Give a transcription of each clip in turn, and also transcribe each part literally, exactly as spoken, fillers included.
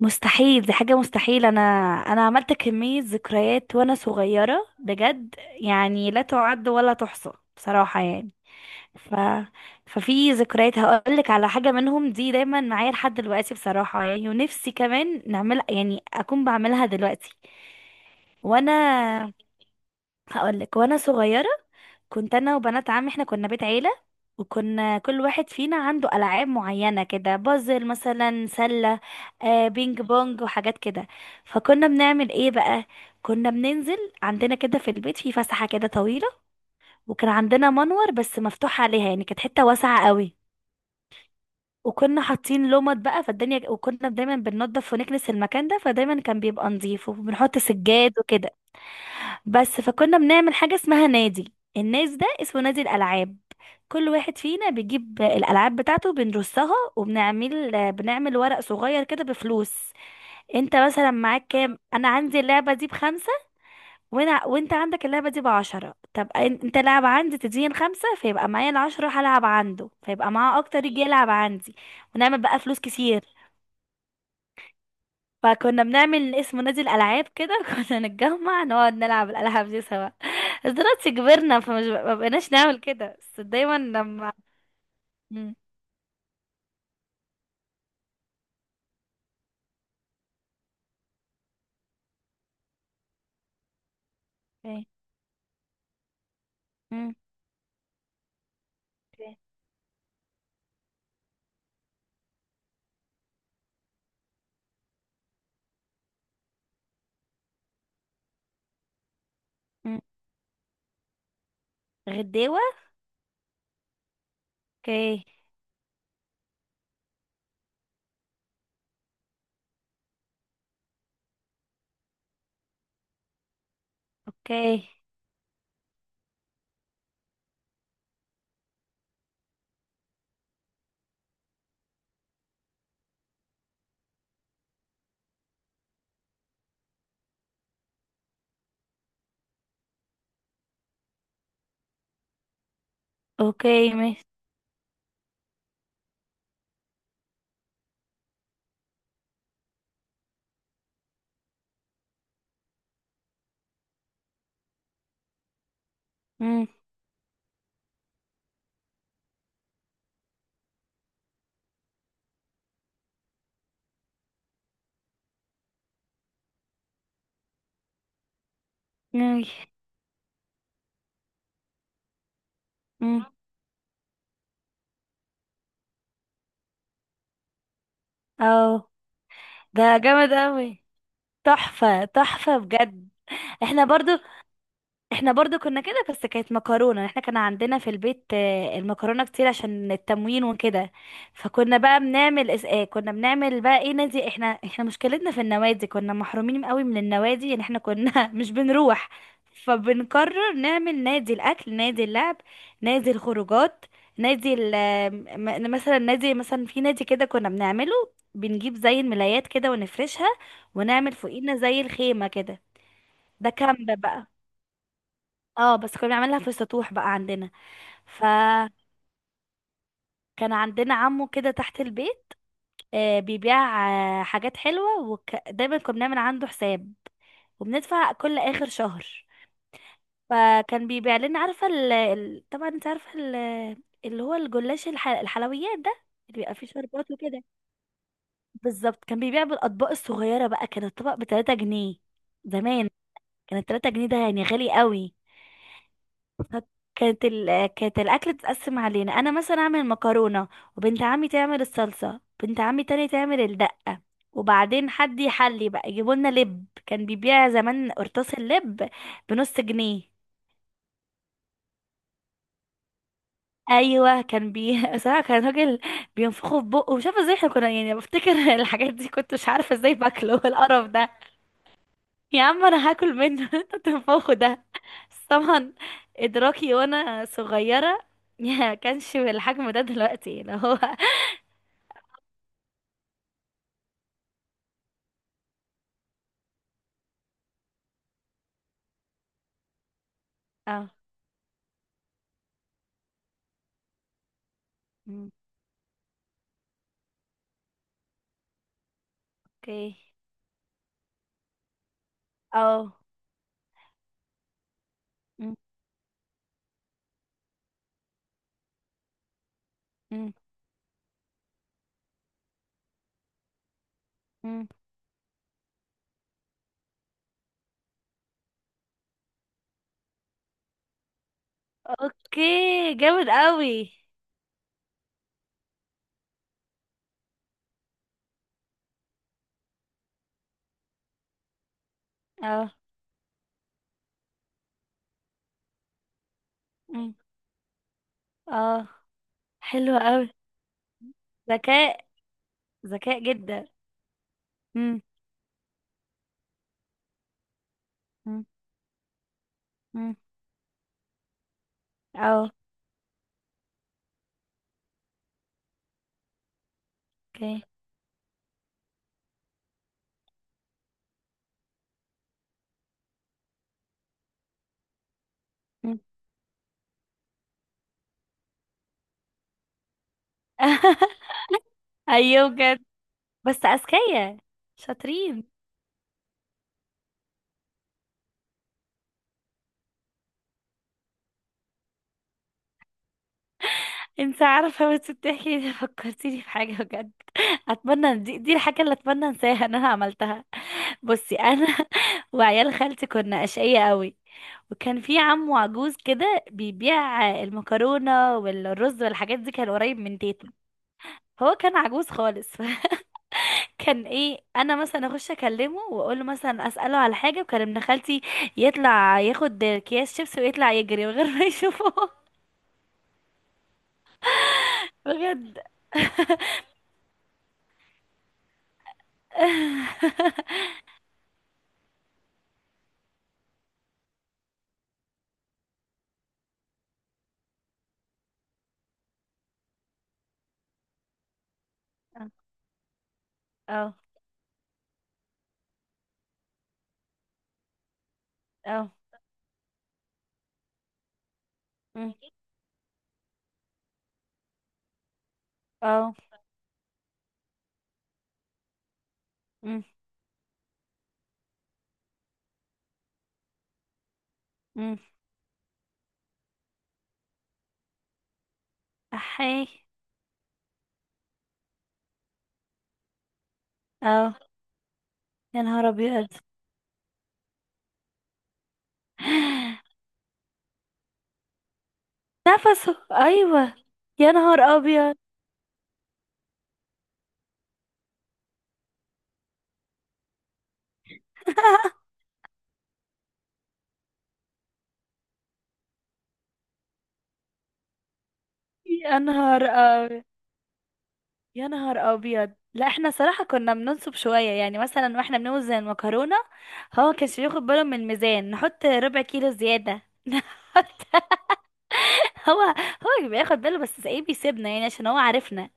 مستحيل، دي حاجة مستحيل. انا انا عملت كمية ذكريات وانا صغيرة، بجد يعني لا تعد ولا تحصى، بصراحة يعني. ف ففي ذكريات، هقولك على حاجة منهم دي دايما معايا لحد دلوقتي بصراحة، يعني. ونفسي كمان نعمل، يعني اكون بعملها دلوقتي. وانا هقولك، وانا صغيرة كنت انا وبنات عمي، احنا كنا بيت عيله. وكنا كل واحد فينا عنده العاب معينه كده، بازل مثلا، سله، آه، بينج بونج، وحاجات كده. فكنا بنعمل ايه بقى؟ كنا بننزل عندنا كده في البيت، في فسحه كده طويله، وكان عندنا منور بس مفتوح عليها، يعني كانت حته واسعه قوي. وكنا حاطين لمط بقى فالدنيا، وكنا دايما بننضف ونكنس المكان ده، فدايما كان بيبقى نظيف، وبنحط سجاد وكده. بس فكنا بنعمل حاجة اسمها نادي، الناس ده اسمه نادي الألعاب. كل واحد فينا بيجيب الألعاب بتاعته، بنرصها، وبنعمل بنعمل ورق صغير كده بفلوس. انت مثلا معاك كام؟ انا عندي اللعبة دي بخمسة، وانا وانت عندك اللعبة دي بعشرة. طب ان- انت لعب عندي، تديني الخمسة، فيبقى معايا العشرة، هلعب عنده، فيبقى معاه اكتر، يجي يلعب عندي. ونعمل بقى فلوس كتير. فكنا بنعمل اسمه نادي الألعاب كده كنا نتجمع، نقعد نلعب الألعاب دي سوا. بس دلوقتي كبرنا، فمش ب- ما بقيناش نعمل كده. بس دايما لما. مم. اوكي. مم. اوكي. مم. غديوة. اوكي. اوكي. اوكي ماشي. مم. مم. مم. اه. ده جامد اوي، تحفة، تحفة بجد. احنا برضو احنا برضو كنا كده، بس كانت مكرونة، احنا كان عندنا في البيت، آه، المكرونة كتير عشان التموين وكده. فكنا بقى بنعمل اس- آه، كنا بنعمل بقى ايه، نادي. احنا احنا مشكلتنا في النوادي، كنا محرومين قوي من النوادي، يعني احنا كنا مش بنروح. فبنقرر نعمل نادي الاكل، نادي اللعب، نادي الخروجات، نادي ال- آه، م- مثلا نادي، مثلا في نادي كده كنا بنعمله. بنجيب زي الملايات كده ونفرشها، ونعمل فوقينا زي الخيمة كده. ده كامب بقى. اه، بس كنا بنعملها في السطوح بقى عندنا. فكان عندنا عمو كده تحت البيت، آه، بيبيع آه حاجات حلوة، ودايما كنا بنعمل عنده حساب وبندفع كل آخر شهر. فكان بيبيع لنا، عارفة ال... ال... طبعا انت عارفة ال... اللي هو الجلاش، الح... الحلويات ده، اللي بيبقى فيه شربات وكده. بالظبط. كان بيبيع بالأطباق الصغيرة بقى، كان الطبق بتلاتة جنيه زمان. كان التلاتة جنيه ده يعني غالي قوي. كانت ال... كانت الاكل تتقسم علينا، انا مثلا اعمل مكرونه، وبنت عمي تعمل الصلصه، بنت عمي تاني تعمل الدقه، وبعدين حد يحلي بقى. يجيبوا لنا لب، كان بيبيع زمان قرطاس اللب بنص جنيه. ايوه، كان بي صراحه كان راجل بينفخه في بقه، مش عارفه ازاي احنا كنا، يعني بفتكر الحاجات دي كنت مش عارفه ازاي باكله القرف ده. يا عم، انا هاكل منه انت بتنفخه ده؟ بس طبعا ادراكي وانا صغيره ما كانش بالحجم ده دلوقتي اللي هو. اه. مم. اوكي. اه. مم. مم. مم. اوكي. جامد قوي. اه. مم. اه، حلو قوي، ذكاء، ذكاء جدا. مم. مم. مم. اه. اوكي. مم. ايوه بجد، بس اذكياء، شاطرين. انت عارفة بس بتحكي دي، فكرتيني في حاجة بجد اتمنى دي, دي الحاجة اللي اتمنى انساها ان انا عملتها. بصي، انا وعيال خالتي كنا اشقية قوي. وكان في عمو عجوز كده بيبيع المكرونة والرز والحاجات دي، كان قريب من تيتا. هو كان عجوز خالص كان ايه، انا مثلا اخش اكلمه واقول له مثلا، اساله على حاجه، وكان ابن خالتي يطلع ياخد اكياس شيبس، ويطلع يجري من غير ما يشوفه. بجد. اه. اه. مم. اه. مم. مم. احي. اه. يا نهار ابيض. نفسه. ايوه، يا نهار ابيض. يا نهار أبيض، يا نهار أبيض. لا احنا صراحة كنا بننصب شوية، يعني مثلا واحنا بنوزن المكرونة هو ما كانش بياخد باله من الميزان، نحط ربع كيلو زيادة نحط. هو هو بياخد باله، بس ايه، بيسيبنا يعني عشان هو عارفنا.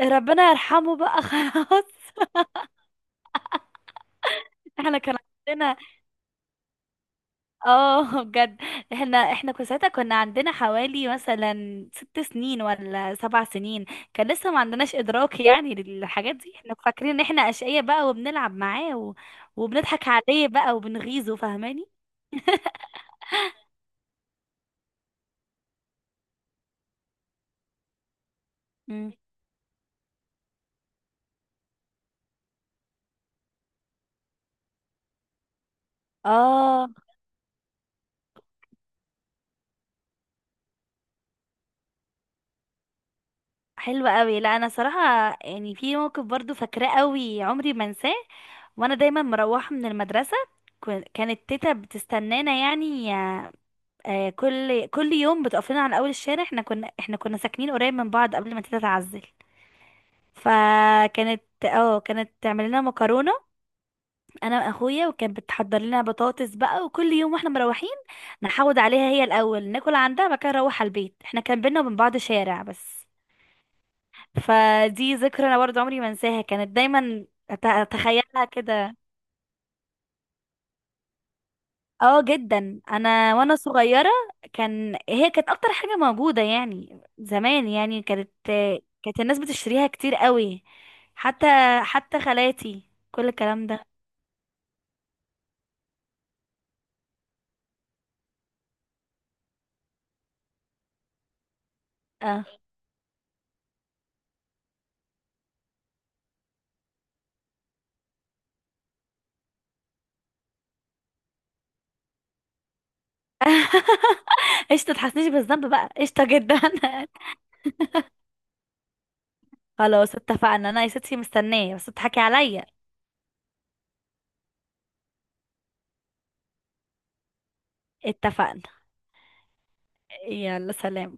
ربنا يرحمه بقى خلاص. احنا كان عندنا. اه بجد. احنا احنا كنا ساعتها كنا عندنا حوالي مثلا ست سنين ولا سبع سنين. كان لسه ما عندناش ادراك يعني للحاجات دي، احنا فاكرين ان احنا اشقياء بقى وبنلعب معاه و... وبنضحك عليه بقى وبنغيظه، فاهماني. مم. اه. حلوة قوي. لا انا صراحة، يعني في موقف برضو فاكراه قوي عمري ما انساه. وانا دايما مروحة من المدرسة، كن- كانت تيتا بتستنانا يعني. آه، كل كل يوم بتقف لنا على اول الشارع. احنا كنا احنا كنا ساكنين قريب من بعض قبل ما تيتا تعزل. فكانت، اه، كانت تعمل لنا مكرونه، انا واخويا، وكانت بتحضر لنا بطاطس بقى. وكل يوم واحنا مروحين نحوض عليها هي الاول، ناكل عندها، بعد كده نروح على البيت. احنا كان بينا وبين بعض شارع بس. فدي ذكرى انا برضه عمري ما انساها، كانت دايما أت- اتخيلها كده. اه جدا، انا وانا صغيره كان هي كانت اكتر حاجه موجوده يعني زمان. يعني كانت كانت الناس بتشتريها كتير قوي. حتى حتى خالاتي، كل الكلام ده. اه. قشطه، تحسنيش بالذنب بقى، قشطه جدا. خلاص اتفقنا، انا يا ستي مستنيه، بس تضحكي عليا. اتفقنا. يلا سلام.